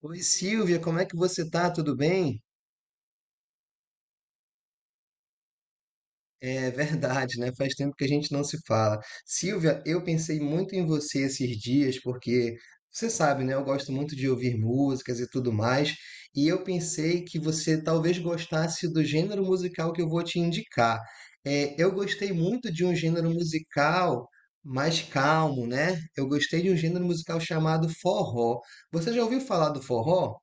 Oi, Silvia, como é que você tá? Tudo bem? É verdade, né? Faz tempo que a gente não se fala. Silvia, eu pensei muito em você esses dias, porque você sabe, né? Eu gosto muito de ouvir músicas e tudo mais, e eu pensei que você talvez gostasse do gênero musical que eu vou te indicar. É, eu gostei muito de um gênero musical mais calmo, né? Eu gostei de um gênero musical chamado forró. Você já ouviu falar do forró?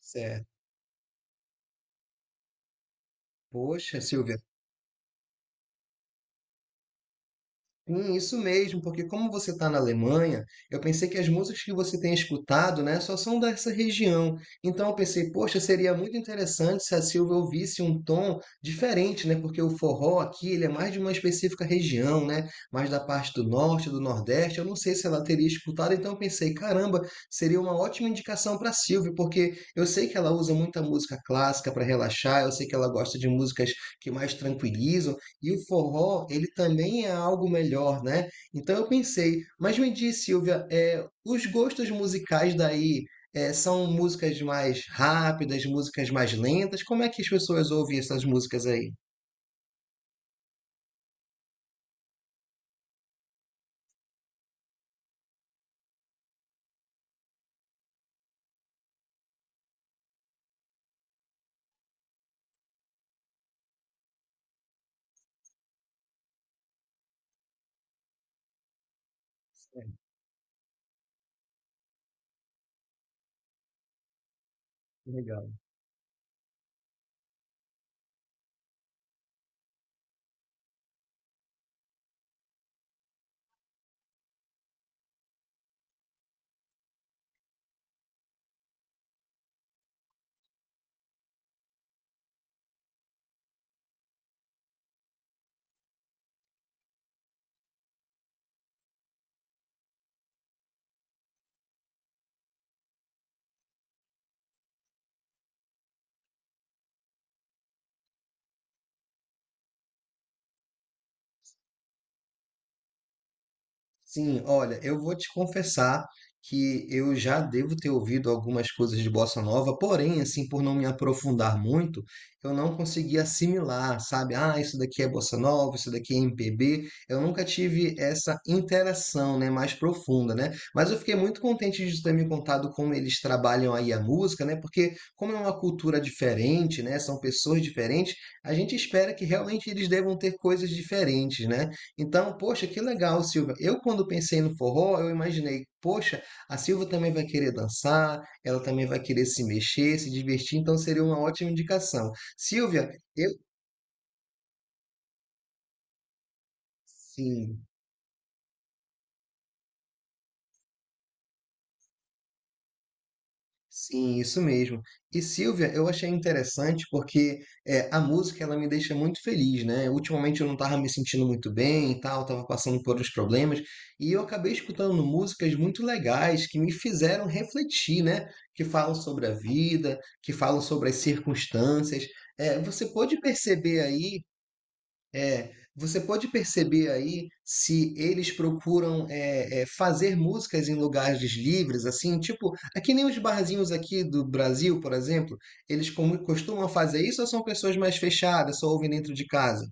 Certo. Poxa, Silvia. Sim, isso mesmo, porque como você está na Alemanha, eu pensei que as músicas que você tem escutado, né, só são dessa região. Então eu pensei, poxa, seria muito interessante se a Silvia ouvisse um tom diferente, né? Porque o forró aqui, ele é mais de uma específica região, né? Mais da parte do norte, do nordeste. Eu não sei se ela teria escutado, então eu pensei, caramba, seria uma ótima indicação para a Silvia, porque eu sei que ela usa muita música clássica para relaxar, eu sei que ela gosta de músicas que mais tranquilizam e o forró, ele também é algo melhor, né? Então eu pensei, mas me diz, Silvia, é, os gostos musicais daí é, são músicas mais rápidas, músicas mais lentas? Como é que as pessoas ouvem essas músicas aí? É, legal. Sim, olha, eu vou te confessar que eu já devo ter ouvido algumas coisas de bossa nova, porém, assim, por não me aprofundar muito, eu não consegui assimilar, sabe? Ah, isso daqui é bossa nova, isso daqui é MPB. Eu nunca tive essa interação, né, mais profunda, né? Mas eu fiquei muito contente de ter me contado como eles trabalham aí a música, né? Porque como é uma cultura diferente, né, são pessoas diferentes, a gente espera que realmente eles devam ter coisas diferentes, né? Então, poxa, que legal, Silvia. Eu, quando pensei no forró, eu imaginei, poxa, a Silvia também vai querer dançar, ela também vai querer se mexer, se divertir, então seria uma ótima indicação. Silvia, eu. Sim. Sim, isso mesmo. E Silvia, eu achei interessante porque é, a música ela me deixa muito feliz, né? Ultimamente eu não estava me sentindo muito bem e tal, estava passando por uns problemas, e eu acabei escutando músicas muito legais que me fizeram refletir, né? Que falam sobre a vida, que falam sobre as circunstâncias. É, você pode perceber aí se eles procuram fazer músicas em lugares livres, assim, tipo, é que nem os barzinhos aqui do Brasil, por exemplo, eles costumam fazer isso ou são pessoas mais fechadas, só ouvem dentro de casa?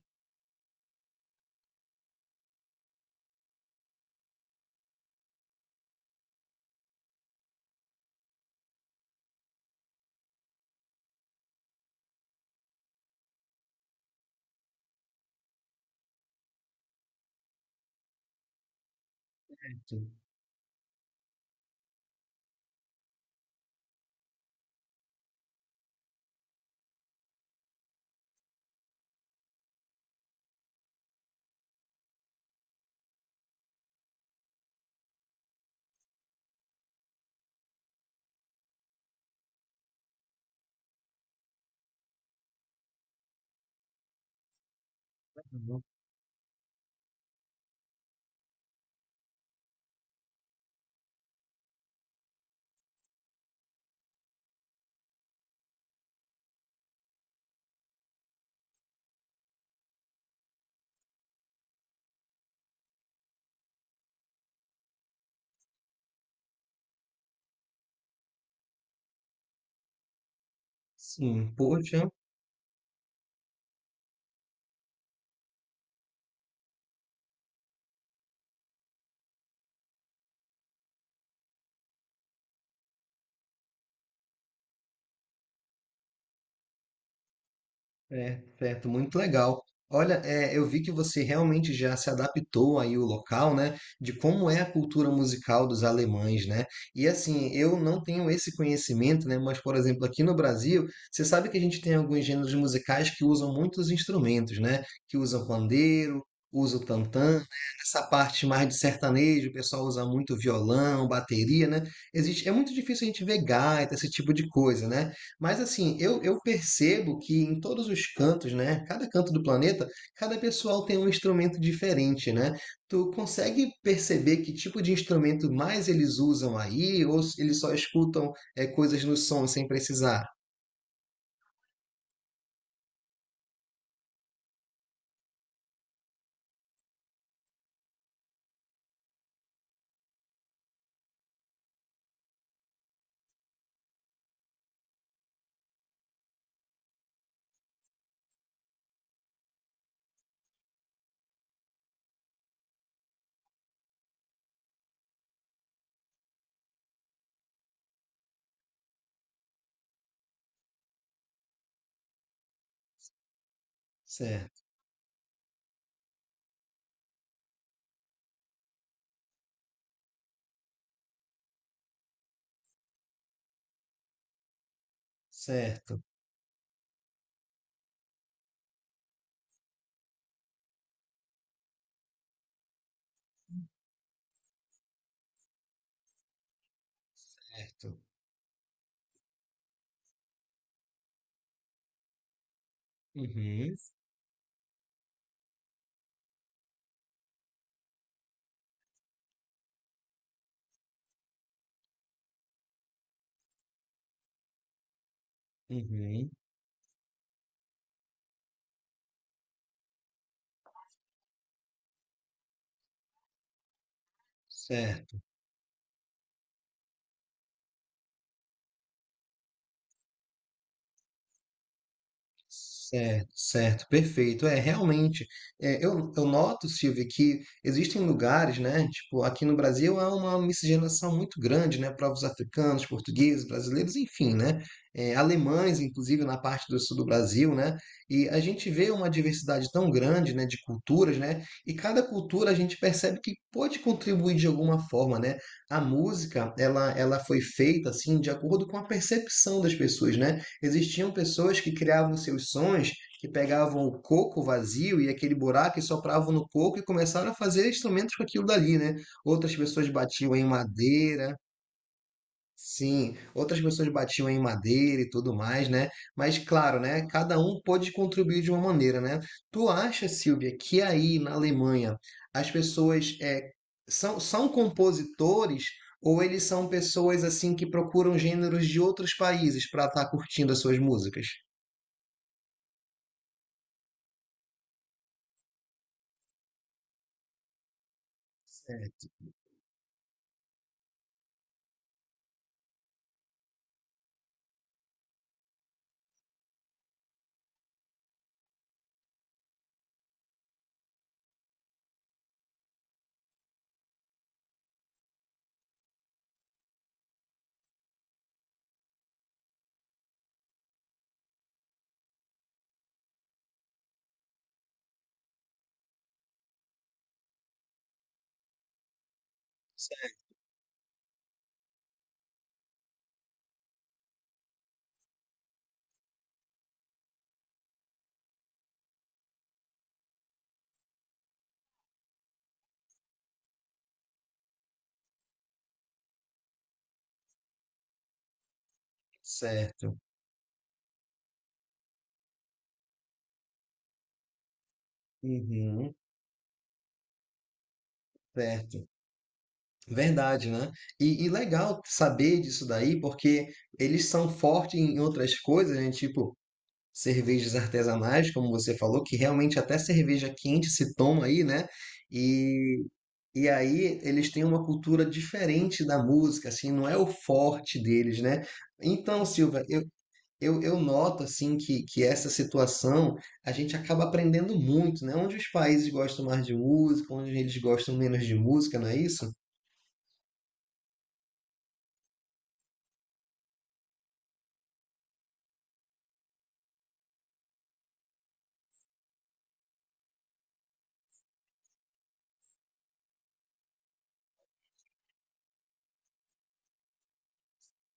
Sim, poxa. É, certo, muito legal. Olha, é, eu vi que você realmente já se adaptou aí o local, né? De como é a cultura musical dos alemães, né? E assim, eu não tenho esse conhecimento, né? Mas, por exemplo, aqui no Brasil, você sabe que a gente tem alguns gêneros musicais que usam muitos instrumentos, né? Que usam pandeiro, usa o tantã, né? Essa parte mais de sertanejo, o pessoal usa muito violão, bateria, né? Existe, é muito difícil a gente ver gaita, esse tipo de coisa, né? Mas assim, eu percebo que em todos os cantos, né? Cada canto do planeta, cada pessoal tem um instrumento diferente, né? Tu consegue perceber que tipo de instrumento mais eles usam aí, ou se eles só escutam é, coisas no som sem precisar? Certo, certo, certo. Uhum, uhum, certo. Certo, certo, perfeito. É, realmente, é, eu noto, Silvia, que existem lugares, né? Tipo, aqui no Brasil há uma miscigenação muito grande, né? Povos africanos, portugueses, brasileiros, enfim, né? É, alemães, inclusive, na parte do sul do Brasil, né? E a gente vê uma diversidade tão grande, né? De culturas, né? E cada cultura a gente percebe que pode contribuir de alguma forma, né? A música, ela foi feita, assim, de acordo com a percepção das pessoas, né? Existiam pessoas que criavam seus sons, que pegavam o coco vazio e aquele buraco e sopravam no coco e começaram a fazer instrumentos com aquilo dali, né? Outras pessoas batiam em madeira. Sim, outras pessoas batiam em madeira e tudo mais, né? Mas claro, né? Cada um pôde contribuir de uma maneira, né? Tu acha, Silvia, que aí na Alemanha as pessoas é, são compositores ou eles são pessoas assim que procuram gêneros de outros países para estar curtindo as suas músicas? Certo, certo. Uhum, certo. Verdade, né? E legal saber disso daí, porque eles são fortes em outras coisas, né? Tipo, cervejas artesanais, como você falou, que realmente até cerveja quente se toma aí, né? E, e aí eles têm uma cultura diferente da música, assim, não é o forte deles, né? Então, Silva, eu, eu noto assim que essa situação a gente acaba aprendendo muito, né? Onde os países gostam mais de música, onde eles gostam menos de música, não é isso?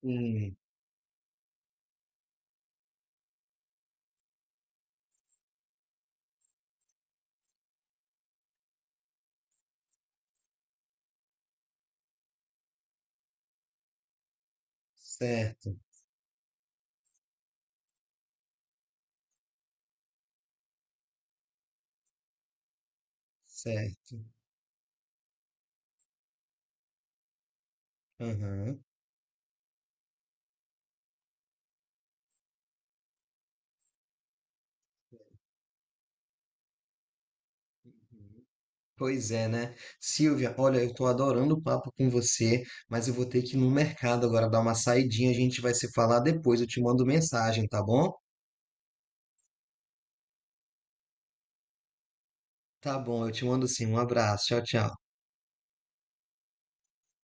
Hum, certo, certo. Aham. Pois é, né? Silvia, olha, eu tô adorando o papo com você, mas eu vou ter que ir no mercado agora dar uma saidinha, a gente vai se falar depois, eu te mando mensagem, tá bom? Tá bom, eu te mando sim. Um abraço, tchau, tchau.